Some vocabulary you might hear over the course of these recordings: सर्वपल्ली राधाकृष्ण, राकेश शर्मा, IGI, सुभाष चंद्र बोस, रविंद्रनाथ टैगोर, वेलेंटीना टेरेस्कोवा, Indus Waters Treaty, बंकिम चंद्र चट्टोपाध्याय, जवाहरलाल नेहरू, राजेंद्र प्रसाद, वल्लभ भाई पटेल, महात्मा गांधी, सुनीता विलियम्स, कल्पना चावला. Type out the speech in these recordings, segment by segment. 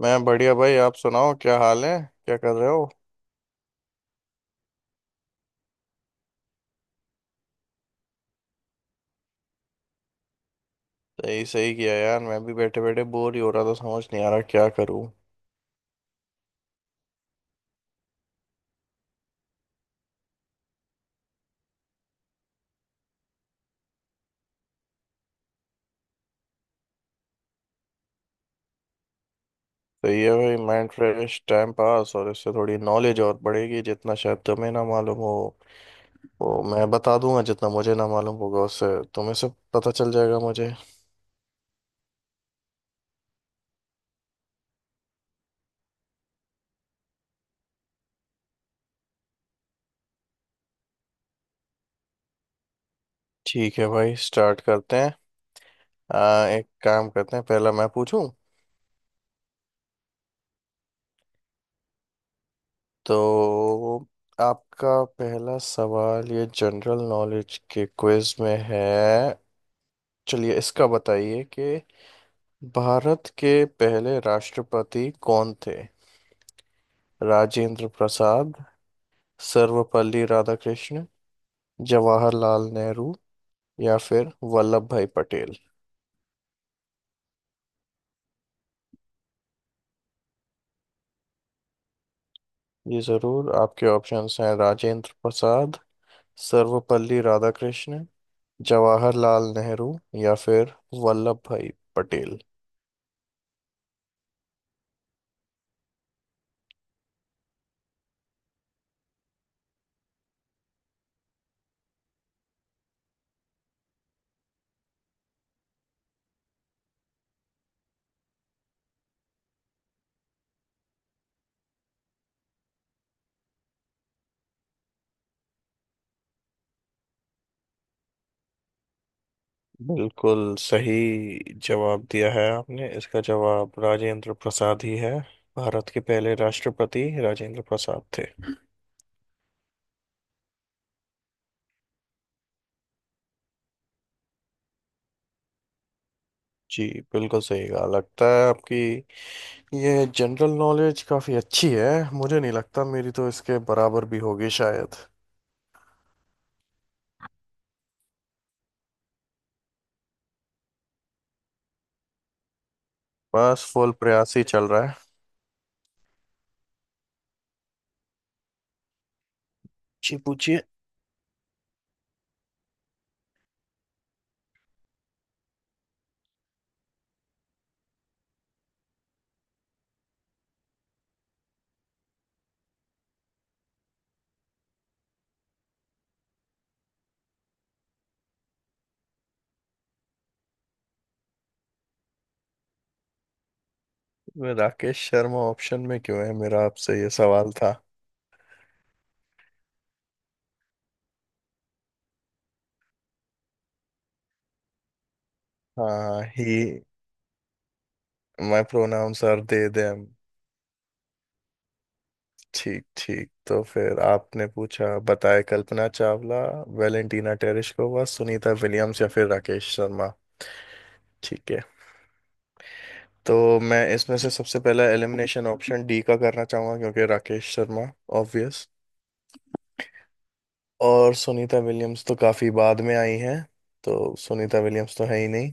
मैं बढ़िया, भाई। आप सुनाओ, क्या हाल है? क्या कर रहे हो? सही सही किया, यार। मैं भी बैठे बैठे बोर ही हो रहा था। समझ नहीं आ रहा क्या करूं। सही है भाई, माइंड फ्रेश, टाइम पास, और इससे थोड़ी नॉलेज और बढ़ेगी। जितना शायद तुम्हें ना मालूम हो वो मैं बता दूंगा, जितना मुझे ना मालूम होगा उससे तुम्हें सब पता चल जाएगा मुझे। ठीक है भाई, स्टार्ट करते हैं। एक काम करते हैं, पहला मैं पूछूं। तो आपका पहला सवाल ये जनरल नॉलेज के क्विज में है। चलिए इसका बताइए कि भारत के पहले राष्ट्रपति कौन थे? राजेंद्र प्रसाद, सर्वपल्ली राधाकृष्ण, जवाहरलाल नेहरू, या फिर वल्लभ भाई पटेल। ये जरूर आपके ऑप्शंस हैं। राजेंद्र प्रसाद, सर्वपल्ली राधाकृष्ण, जवाहरलाल नेहरू, या फिर वल्लभ भाई पटेल। बिल्कुल सही जवाब दिया है आपने। इसका जवाब राजेंद्र प्रसाद ही है। भारत के पहले राष्ट्रपति राजेंद्र प्रसाद थे। जी, बिल्कुल सही कहा। लगता है आपकी ये जनरल नॉलेज काफी अच्छी है। मुझे नहीं लगता मेरी तो इसके बराबर भी होगी शायद। बस फुल प्रयास ही चल रहा है। जी, पूछिए। मैं, राकेश शर्मा ऑप्शन में क्यों है? मेरा आपसे ये सवाल था। हाँ ही। My pronounce are they them. ठीक ठीक। तो फिर आपने पूछा बताए, कल्पना चावला, वेलेंटीना टेरेस्कोवा, सुनीता विलियम्स, या फिर राकेश शर्मा। ठीक है। तो मैं इसमें से सबसे पहला एलिमिनेशन ऑप्शन डी का करना चाहूंगा, क्योंकि राकेश शर्मा ऑब्वियस। और सुनीता विलियम्स तो काफी बाद में आई हैं, तो सुनीता विलियम्स तो है ही नहीं।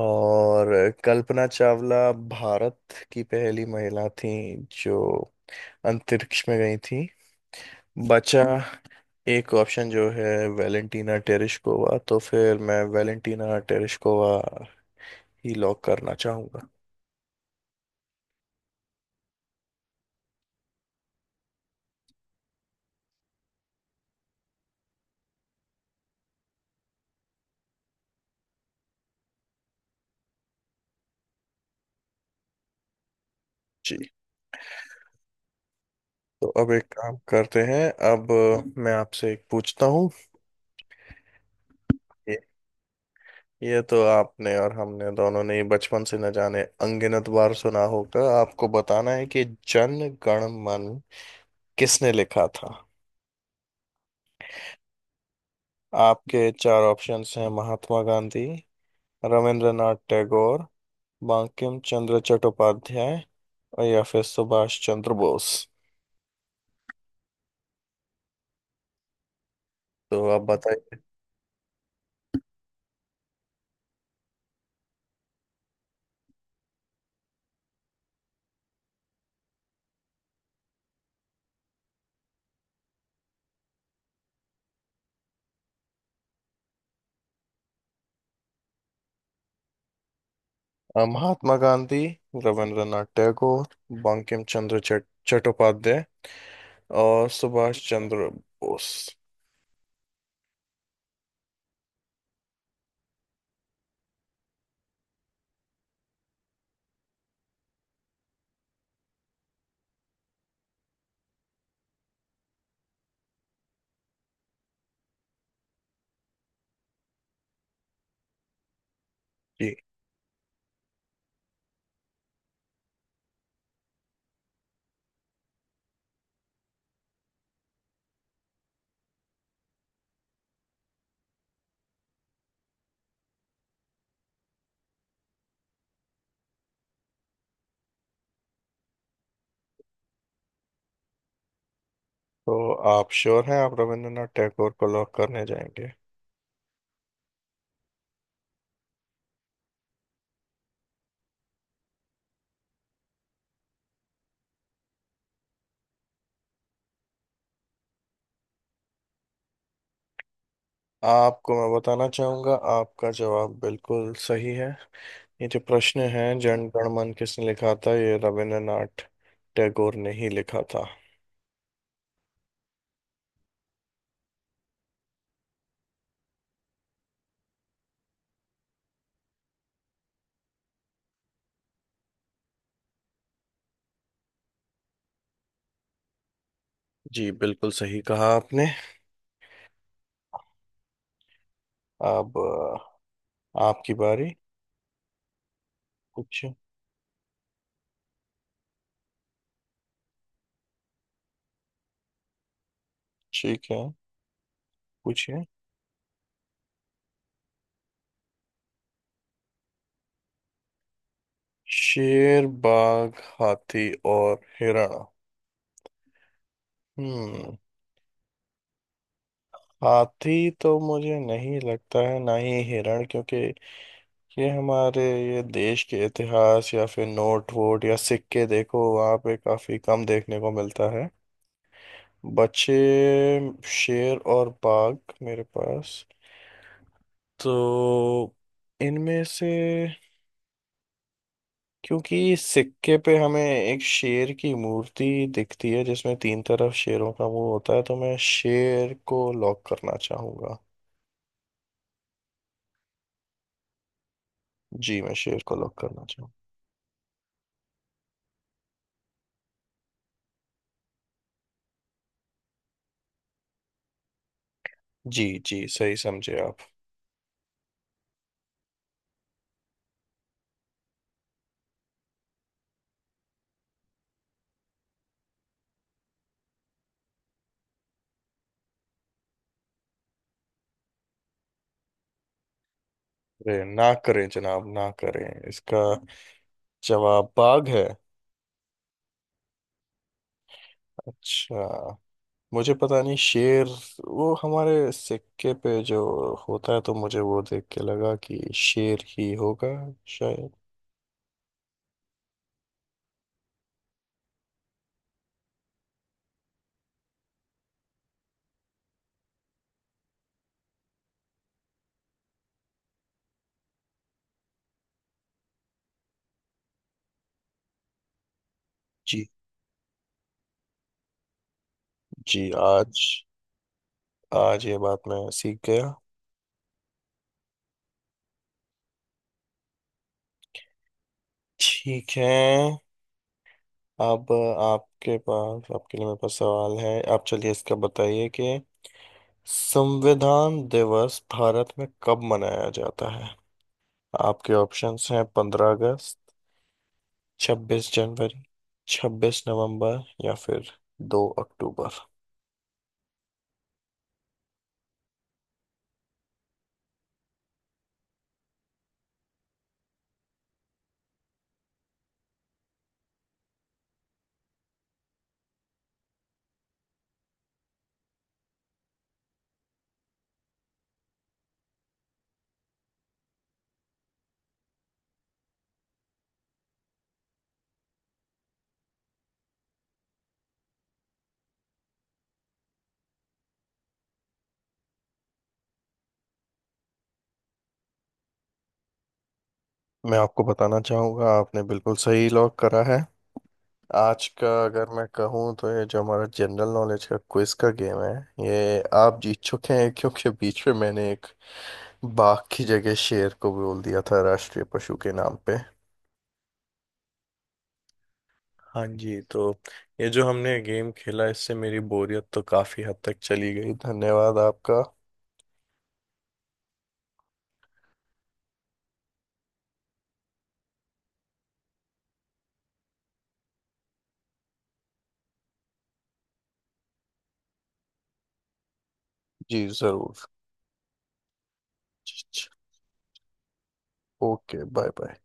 और कल्पना चावला भारत की पहली महिला थी जो अंतरिक्ष में गई थी। बचा एक ऑप्शन जो है वेलेंटीना टेरेशकोवा, तो फिर मैं वेलेंटीना टेरेशकोवा ही लॉक करना चाहूंगा। जी। तो अब एक काम करते हैं। अब मैं आपसे एक पूछता हूँ। ये ये तो आपने और हमने दोनों ने ही बचपन से न जाने अनगिनत बार सुना होगा। आपको बताना है कि जन गण मन किसने लिखा था? आपके चार ऑप्शंस हैं महात्मा गांधी, रविंद्रनाथ टैगोर, बंकिम चंद्र चट्टोपाध्याय, या फिर सुभाष चंद्र बोस। तो आप बताइए। महात्मा गांधी, रविंद्रनाथ टैगोर, बंकिम चंद्र चट्टोपाध्याय, और सुभाष चंद्र बोस। जी। तो आप श्योर हैं आप रविंद्रनाथ टैगोर को लॉक करने जाएंगे? आपको मैं बताना चाहूंगा आपका जवाब बिल्कुल सही है। ये जो प्रश्न है जन गण मन किसने लिखा था, ये रविंद्रनाथ टैगोर ने ही लिखा था। जी, बिल्कुल सही कहा आपने। अब आपकी बारी। कुछ ठीक है, पूछिए। शेर, बाघ, हाथी और हिरण। हम्म हाथी तो मुझे नहीं लगता है, ना ही हिरण, क्योंकि ये हमारे ये देश के इतिहास या फिर नोट वोट या सिक्के देखो, वहाँ पे काफी कम देखने को मिलता है। बचे शेर और बाघ मेरे पास। तो इनमें से, क्योंकि सिक्के पे हमें एक शेर की मूर्ति दिखती है जिसमें तीन तरफ शेरों का मुंह होता है, तो मैं शेर को लॉक करना चाहूंगा। जी, मैं शेर को लॉक करना चाहूंगा। जी जी, सही समझे आप। अरे, ना करें जनाब, ना करें! इसका जवाब बाघ है? अच्छा। मुझे पता नहीं। शेर वो हमारे सिक्के पे जो होता है तो मुझे वो देख के लगा कि शेर ही होगा शायद। जी जी। आज, आज ये बात मैं सीख गया। ठीक है। अब आपके पास, आपके लिए मेरे पास सवाल है। आप चलिए इसका बताइए कि संविधान दिवस भारत में कब मनाया जाता है? आपके ऑप्शंस हैं 15 अगस्त, 26 जनवरी, 26 नवंबर, या फिर 2 अक्टूबर। मैं आपको बताना चाहूँगा आपने बिल्कुल सही लॉक करा है। आज का अगर मैं कहूँ तो ये जो हमारा जनरल नॉलेज का क्विज का गेम है ये आप जीत चुके हैं, क्योंकि बीच में मैंने एक बाघ की जगह शेर को बोल दिया था राष्ट्रीय पशु के नाम पे। हाँ जी। तो ये जो हमने गेम खेला इससे मेरी बोरियत तो काफी हद तक चली गई। धन्यवाद आपका। जी जरूर। जी, जी। Okay bye bye.